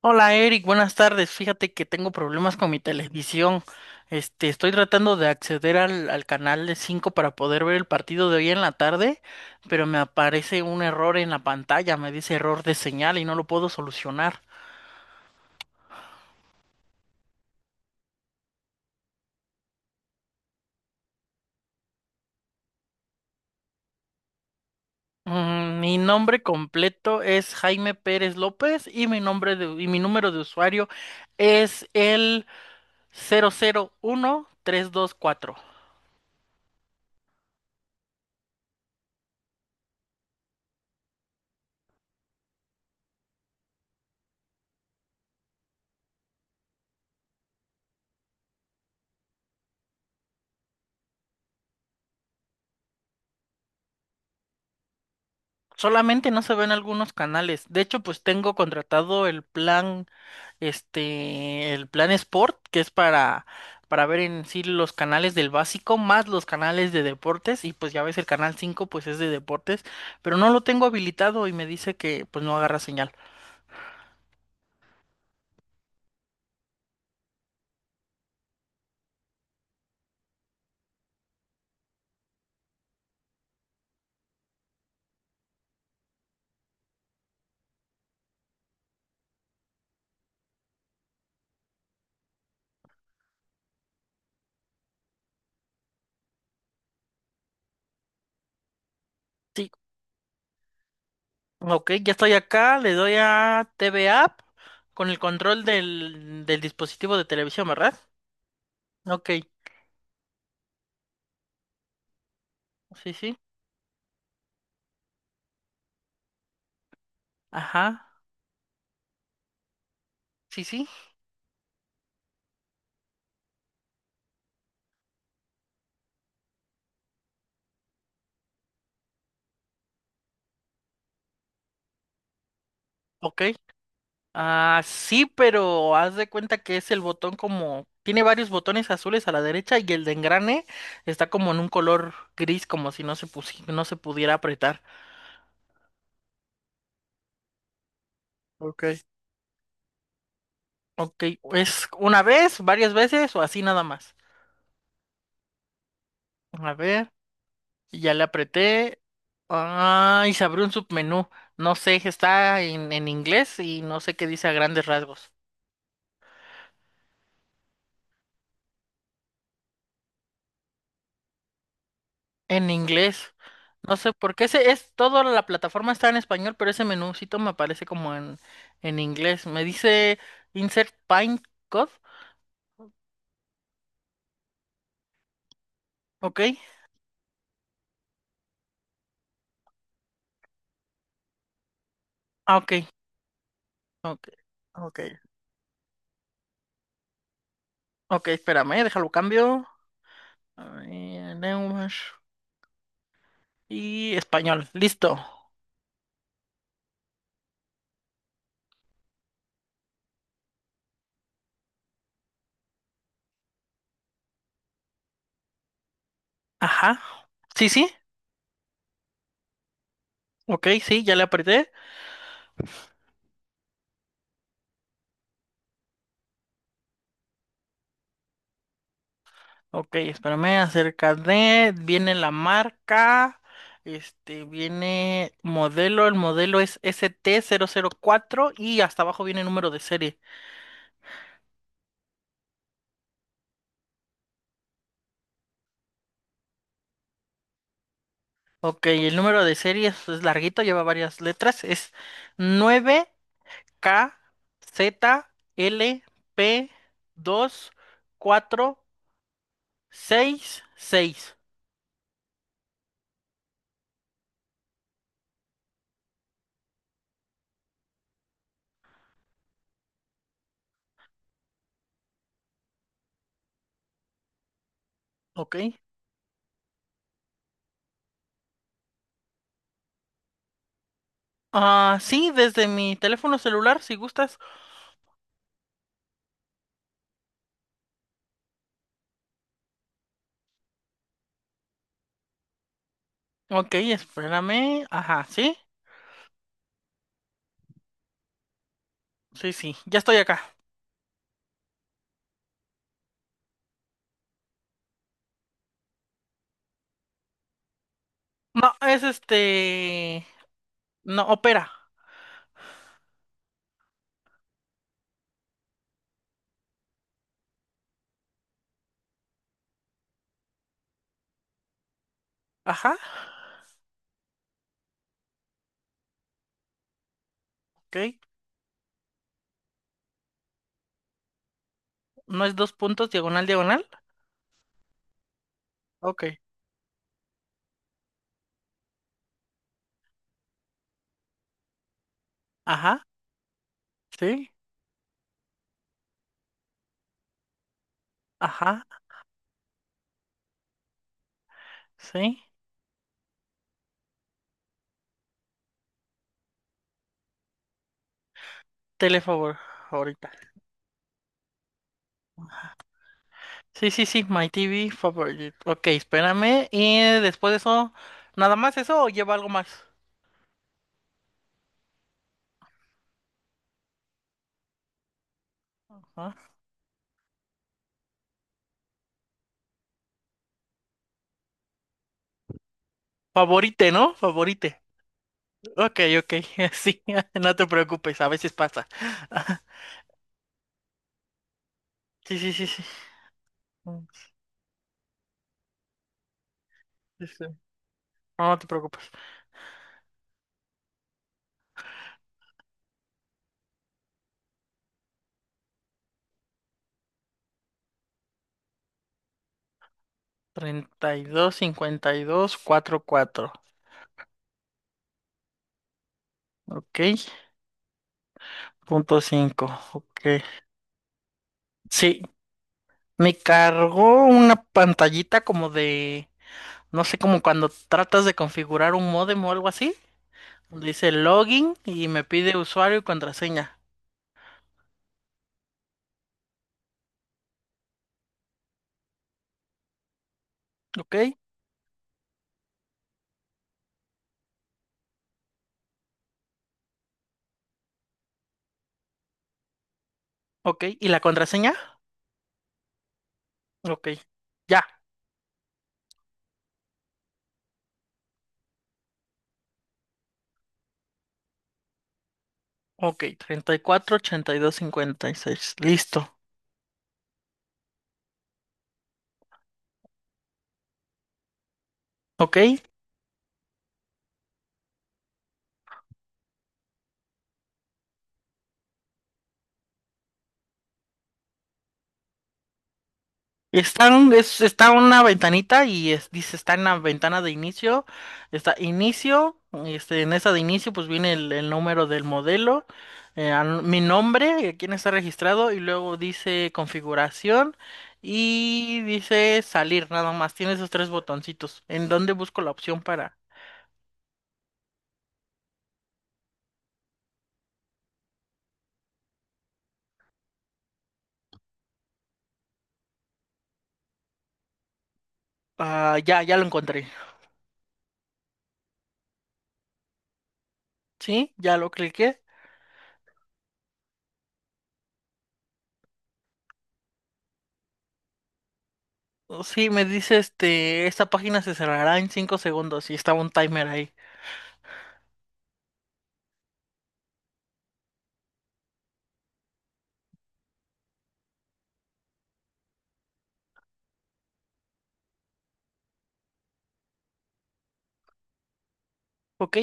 Hola Eric, buenas tardes. Fíjate que tengo problemas con mi televisión. Estoy tratando de acceder al canal de 5 para poder ver el partido de hoy en la tarde, pero me aparece un error en la pantalla, me dice error de señal y no lo puedo solucionar. Mi nombre completo es Jaime Pérez López y y mi número de usuario es el 001324. Solamente no se ven algunos canales. De hecho, pues tengo contratado el plan este, el plan Sport, que es para ver en sí los canales del básico, más los canales de deportes, y pues ya ves el canal 5 pues es de deportes, pero no lo tengo habilitado y me dice que pues no agarra señal. Sí, ok, ya estoy acá, le doy a TV App con el control del dispositivo de televisión, ¿verdad? Ok, sí, sí, ajá, sí, sí, ok. Ah, sí, pero haz de cuenta que es el botón como... Tiene varios botones azules a la derecha y el de engrane está como en un color gris, como si no se pudiera apretar. Ok. Ok, ¿es una vez, varias veces o así nada más? A ver, ya le apreté. Ah, y se abrió un submenú. No sé, está en inglés y no sé qué dice a grandes rasgos. En inglés. No sé por qué ese es toda la plataforma está en español, pero ese menúcito me aparece como en inglés. Me dice insert pine code. Ok. Ah, ok. Ok. Ok. Ok, espérame, déjalo cambio. A ver, lenguas y español. Listo. Ajá. Sí, sí. Ok, sí, ya le apreté. Ok, espérame, acerca de, viene la marca, este, viene modelo, el modelo es ST004 y hasta abajo viene el número de serie. Ok, el número de serie es larguito, lleva varias letras, es 9KZLP2466. Ok. Ah, sí, desde mi teléfono celular, si gustas. Ok, espérame. Ajá, sí, sí, sí, ya estoy acá. No, es este. No, opera. Ajá, ok. No es dos puntos, diagonal, diagonal. Ok. Ajá, sí. Ajá, sí. Telefavor, ahorita. Sí, sí, sí, My TV favorite. Ok, espérame. Y después de eso, ¿nada más eso o lleva algo más? Ajá. Favorite, ¿no? Favorite. Ok, ok. Sí, no te preocupes, a veces pasa. Sí, sí, sí, sí. Mm, Sí, sí. No no te preocupes. Treinta y dos cincuenta y dos cuatro cuatro. Ok, punto cinco, ok. Sí, me cargó una pantallita como de, no sé, como cuando tratas de configurar un módem o algo así, donde dice login y me pide usuario y contraseña. Ok, ok, ¿y la contraseña? Ok, ya, ok, 34, 82, 56. Listo. Ok, está una ventanita y dice, está en la ventana de inicio, está inicio, este, en esa de inicio pues viene el número del modelo, mi nombre, quién está registrado y luego dice configuración y dice salir, nada más, tiene esos tres botoncitos. ¿En dónde busco la opción para? Ah, ya, ya lo encontré, ¿sí? Ya lo cliqué. Oh, sí, me dice este, esta página se cerrará en 5 segundos y estaba un timer ahí. Ok,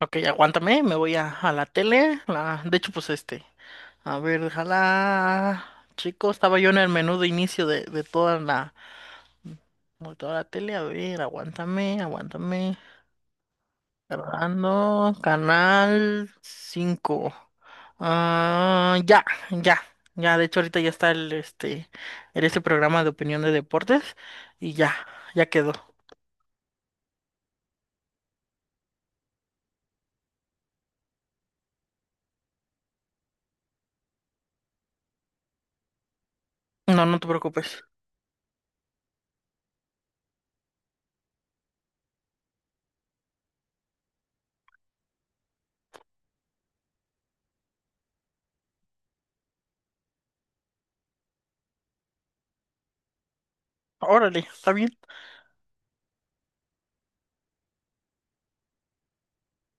ok, aguántame, me voy a la tele. La, de hecho, pues este. A ver, déjala. Chico, estaba yo en el menú de inicio de toda la tele. A ver, aguántame, aguántame. Cerrando, canal 5. Ah, ya, ya, ya. De hecho, ahorita ya está el, este programa de opinión de deportes. Y ya, ya quedó. No, no te preocupes. Órale, está bien.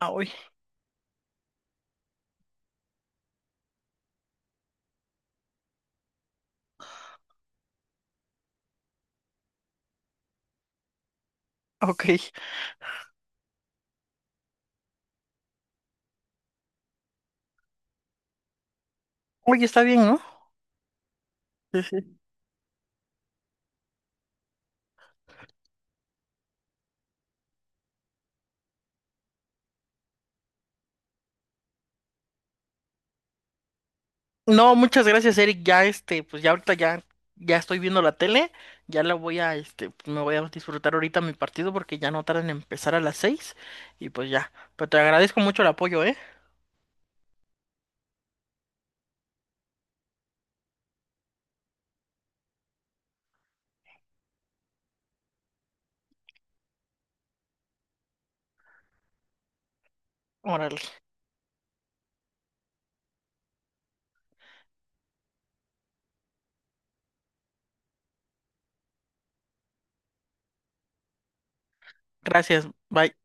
Ah, hoy. Ok. Oye, está bien, ¿no? Sí, sí. No, muchas gracias, Eric. Ya este, pues ya ahorita ya, ya estoy viendo la tele. Ya la voy a, pues, me voy a disfrutar ahorita mi partido porque ya no tarda en empezar a las 6. Y pues ya. Pero te agradezco mucho el apoyo, ¿eh? Órale. Gracias. Bye.